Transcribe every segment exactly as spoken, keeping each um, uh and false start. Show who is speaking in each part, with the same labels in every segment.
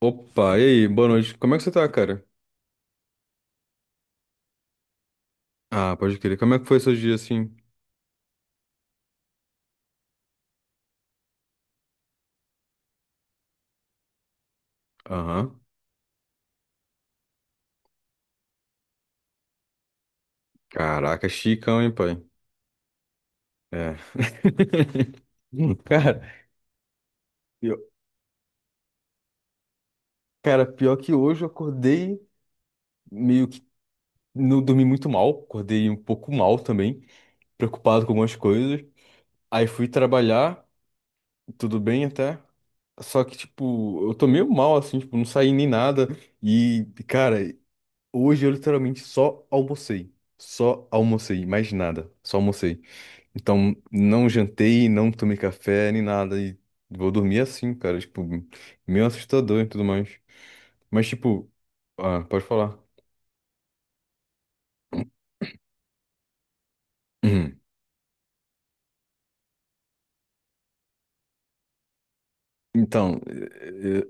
Speaker 1: Opa, e aí, boa noite. Como é que você tá, cara? Ah, pode crer. Como é que foi seu dia assim? Aham. Caraca, chicão, hein, pai? É. Hum, Cara, eu- cara, pior que hoje eu acordei meio que não dormi muito mal, acordei um pouco mal também, preocupado com algumas coisas. Aí fui trabalhar, tudo bem até. Só que, tipo, eu tô meio mal, assim, tipo, não saí nem nada. E, cara, hoje eu literalmente só almocei. Só almocei, mais nada. Só almocei. Então, não jantei, não tomei café, nem nada. E vou dormir assim, cara. Tipo, meio assustador e tudo mais. Mas, tipo, ah, pode falar. Uhum. Então, eh, eh,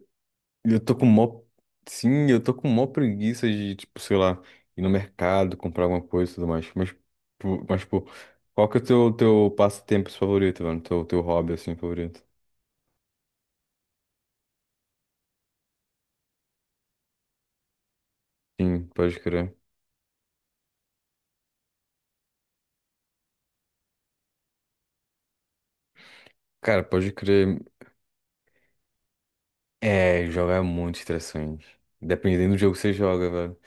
Speaker 1: eu tô com mó. Sim, eu tô com mó preguiça de, tipo, sei lá, ir no mercado, comprar alguma coisa e tudo mais. Mas, pô, mas, pô, qual que é o teu, teu passatempo favorito, mano? Teu, teu hobby, assim, favorito? Sim, pode crer. Cara, pode crer. É, jogar é muito estressante. Dependendo do jogo que você joga, velho.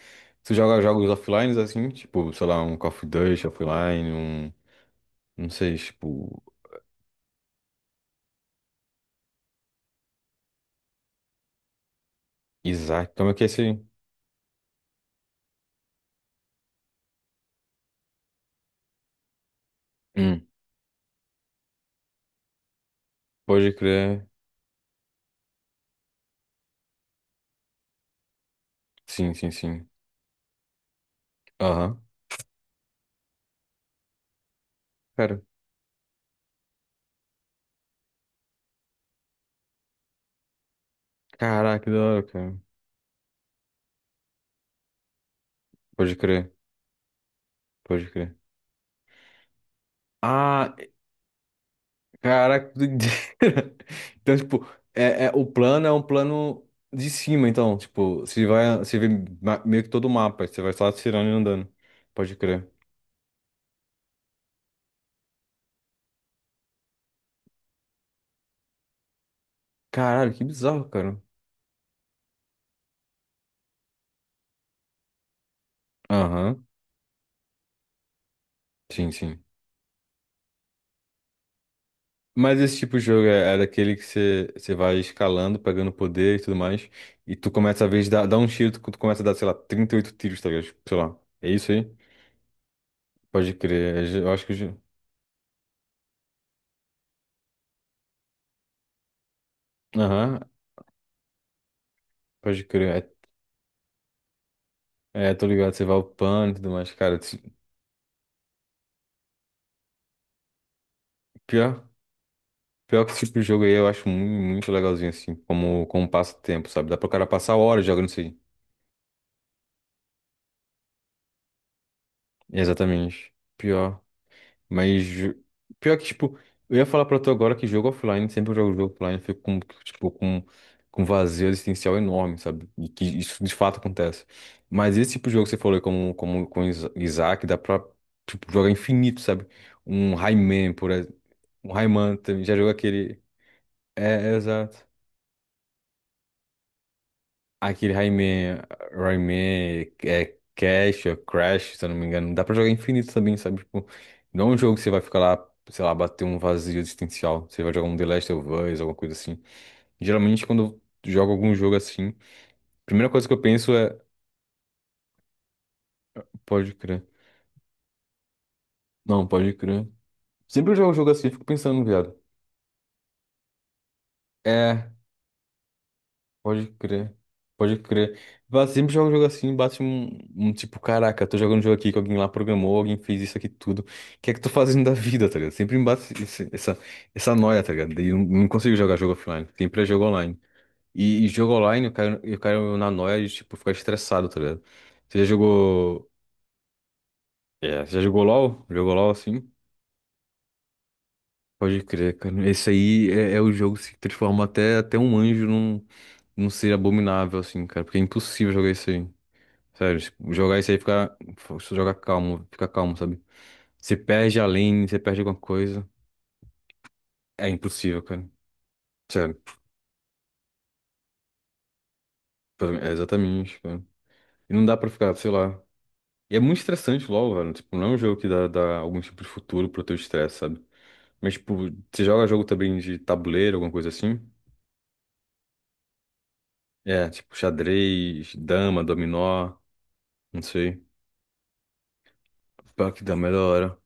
Speaker 1: Tu joga jogos offline assim, tipo, sei lá, um Call of Duty offline, um. Não sei, tipo. Isaac. Como é que é esse? Hum, pode crer. Sim, sim, sim. Aham. Cara, caraca, que da hora, cara. Pode crer, pode crer. Ah, caraca, que doideira. Então, tipo, é, é, o plano é um plano de cima, então, tipo, você vai, você vê ma- meio que todo o mapa, você vai só atirando e andando. Pode crer. Caralho, que bizarro, cara. Aham, sim, sim. Mas esse tipo de jogo é, é daquele que você você vai escalando, pegando poder e tudo mais, e tu começa, às vezes, dar dar um tiro, tu, tu começa a dar, sei lá, trinta e oito tiros, tá ligado? Tipo, sei lá, é isso aí? Pode crer, eu acho que... eu já- Aham, pode crer. É, é, tô ligado, você vai upando e tudo mais, cara. esse- Pior, pior que esse tipo de jogo aí eu acho muito, muito legalzinho, assim, como, como passa o tempo, sabe? Dá pro cara passar horas jogando isso aí. Exatamente. Pior. Mas pior que, tipo, eu ia falar pra tu agora que jogo offline, sempre que eu jogo jogo offline, eu fico com, tipo, com, com vazio existencial enorme, sabe? E que isso de fato acontece. Mas esse tipo de jogo que você falou, aí, como, como com Isa- Isaac, dá pra, tipo, jogar infinito, sabe? Um Rayman, por exemplo. Um Rayman também, já jogou aquele. É, é, exato. Aquele Rayman, Rayman, é Cash, é Crash, se eu não me engano. Dá pra jogar infinito também, sabe? Tipo, não é um jogo que você vai ficar lá, sei lá, bater um vazio existencial. Você vai jogar um The Last of Us, alguma coisa assim. Geralmente, quando eu jogo algum jogo assim, a primeira coisa que eu penso é, pode crer. Não, pode crer. Sempre que eu jogo um jogo assim, eu fico pensando, viado. é Pode crer. Pode crer. Vá, sempre joga um jogo assim, bate um, um tipo, caraca, tô jogando um jogo aqui que alguém lá programou, alguém fez isso aqui tudo. O que é que tô fazendo da vida, tá ligado? Sempre me bate esse- essa, essa noia, tá ligado? E não, não consigo jogar jogo offline. Sempre é jogo online. E, e jogo online, eu caio, eu caio na noia de, tipo, ficar estressado, tá ligado? Você já jogou. É, você já jogou L O L? Jogou LOL assim? Pode crer, cara. Esse aí é, é o jogo que se transforma até, até um anjo num, num ser abominável, assim, cara. Porque é impossível jogar isso aí. Sério, se jogar isso aí fica. Se jogar calmo, fica calmo, sabe? Se perde a lane, você perde alguma coisa. É impossível, cara. Sério, pra mim, é exatamente, cara. E não dá pra ficar, sei lá. E é muito estressante logo, velho. Tipo, não é um jogo que dá, dá algum tipo de futuro pro teu estresse, sabe? Mas, tipo, você joga jogo também de tabuleiro, alguma coisa assim? É, tipo, xadrez, dama, dominó, não sei. Pá, que dama é da hora.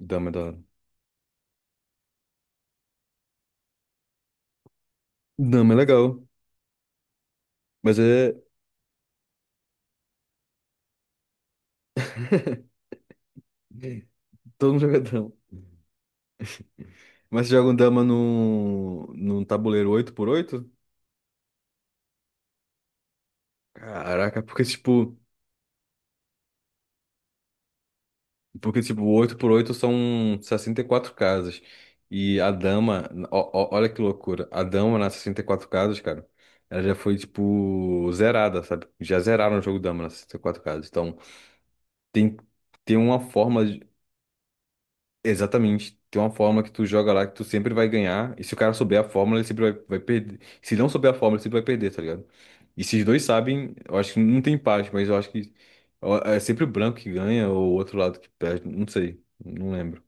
Speaker 1: Dama é da hora. Dama é legal, mas é. É, Todo mundo joga dama. Mas você joga um dama num, num tabuleiro oito por oito, Caraca, porque tipo, porque tipo, o oito por oito são sessenta e quatro casas. E a dama, ó- ó- olha que loucura. A dama nas sessenta e quatro casas, cara, ela já foi tipo zerada, sabe? Já zeraram o jogo dama nas sessenta e quatro casas. Então, tem tem uma forma Exatamente. Tem uma fórmula que tu joga lá que tu sempre vai ganhar. E se o cara souber a fórmula, ele sempre vai, vai perder. Se ele não souber a fórmula, ele sempre vai perder, tá ligado? E se os dois sabem, eu acho que não tem empate, mas eu acho que ó, é sempre o branco que ganha ou o outro lado que perde. Não sei. Não lembro.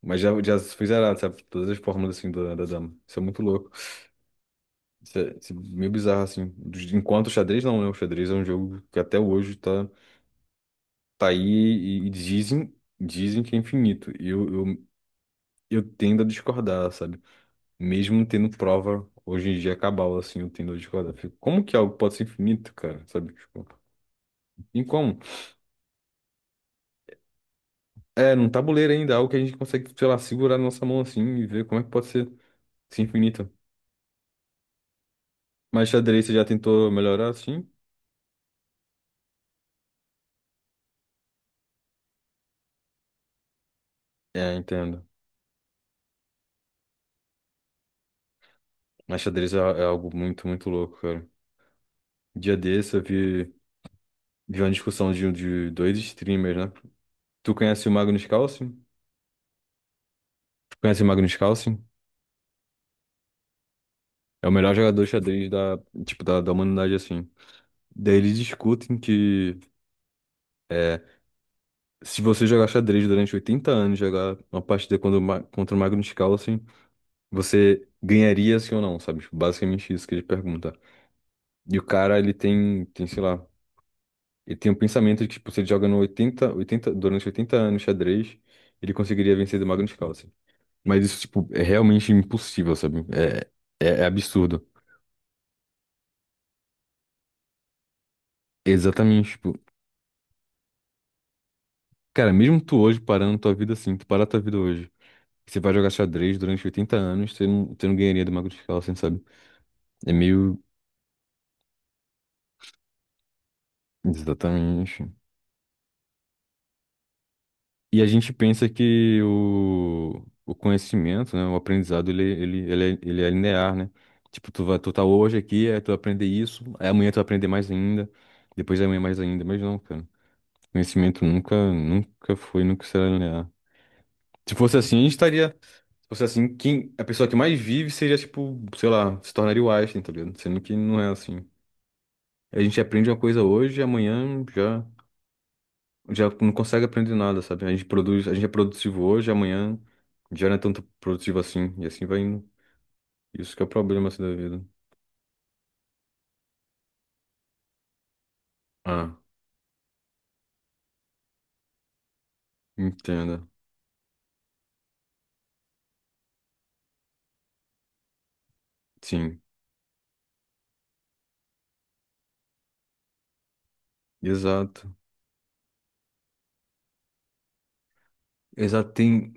Speaker 1: Mas já, já foi zerado, sabe? Todas as fórmulas assim da, da dama. Isso é muito louco. Isso é, isso é meio bizarro, assim. Dos- Enquanto o xadrez não, né? O xadrez é um jogo que até hoje tá, tá aí e, e dizem, dizem que é infinito. E eu, eu, eu tendo a discordar, sabe? Mesmo tendo prova, hoje em dia é cabal, assim, eu tendo de quadra. Fico, como que algo pode ser infinito, cara? Sabe? Tipo, em como? É, num tabuleiro ainda, algo que a gente consegue, sei lá, segurar na nossa mão assim e ver como é que pode ser, ser infinito. Mas xadrez você já tentou melhorar assim? É, entendo. Mas xadrez é, é algo muito, muito louco, cara. Dia desse eu vi, vi uma discussão de, de dois streamers, né? Tu conhece o Magnus Carlsen? Tu conhece o Magnus Carlsen? É o melhor jogador de xadrez da, tipo, da, da humanidade, assim. Daí eles discutem que É, se você jogar xadrez durante oitenta anos, jogar uma partida contra o, Ma- contra o Magnus Carlsen, você ganharia sim ou não, sabe? Tipo, basicamente isso que ele pergunta. E o cara, ele tem, tem, sei lá, ele tem um pensamento de que, tipo, se ele joga no oitenta oitenta durante oitenta anos xadrez, ele conseguiria vencer do Magnus Carlsen. Mas isso, tipo, é realmente impossível, sabe? É, é, é absurdo. Exatamente, tipo, cara, mesmo tu hoje parando tua vida assim, tu parar tua vida hoje, você vai jogar xadrez durante oitenta anos, você não, você não ganharia do Magnus Carlsen, sabe? É meio. Exatamente. E a gente pensa que o, o conhecimento, né, o aprendizado, ele, ele, ele, é, ele é linear, né? Tipo, tu vai, tu tá hoje aqui, aí tu vai aprender isso, aí amanhã tu vai aprender mais ainda, depois amanhã mais ainda, mas não, cara. Conhecimento nunca, nunca foi, nunca será linear. Se fosse assim, a gente estaria. Se fosse assim, quem, a pessoa que mais vive seria, tipo, sei lá, se tornaria o Einstein, tá ligado? Sendo que não é assim. A gente aprende uma coisa hoje, amanhã já. Já não consegue aprender nada, sabe? A gente produz, a gente é produtivo hoje, amanhã já não é tanto produtivo assim, e assim vai indo. Isso que é o problema assim, da vida. Ah, entenda. Sim, exato. Exato, tem,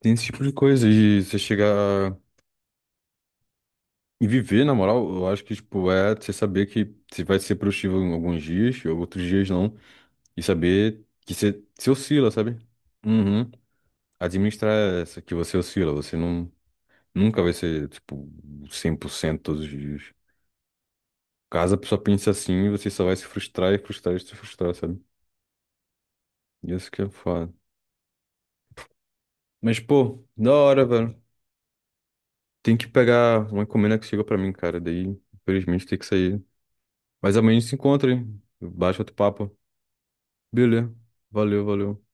Speaker 1: tem esse tipo de coisa de você chegar e viver, na moral, eu acho que, tipo, é você saber que você vai ser produtivo em alguns dias, ou outros dias não, e saber que você, você oscila, sabe? Uhum. Administrar essa, que você oscila, você não, nunca vai ser, tipo, cem por cento todos os dias. Caso a pessoa pense assim, você só vai se frustrar e frustrar e se frustrar, sabe? E é isso que é foda. Mas, pô, da hora, velho. Tem que pegar uma encomenda que chegou pra mim, cara. Daí, infelizmente, tem que sair. Mas amanhã a gente se encontra, hein? Baixa outro papo. Beleza. Valeu, valeu.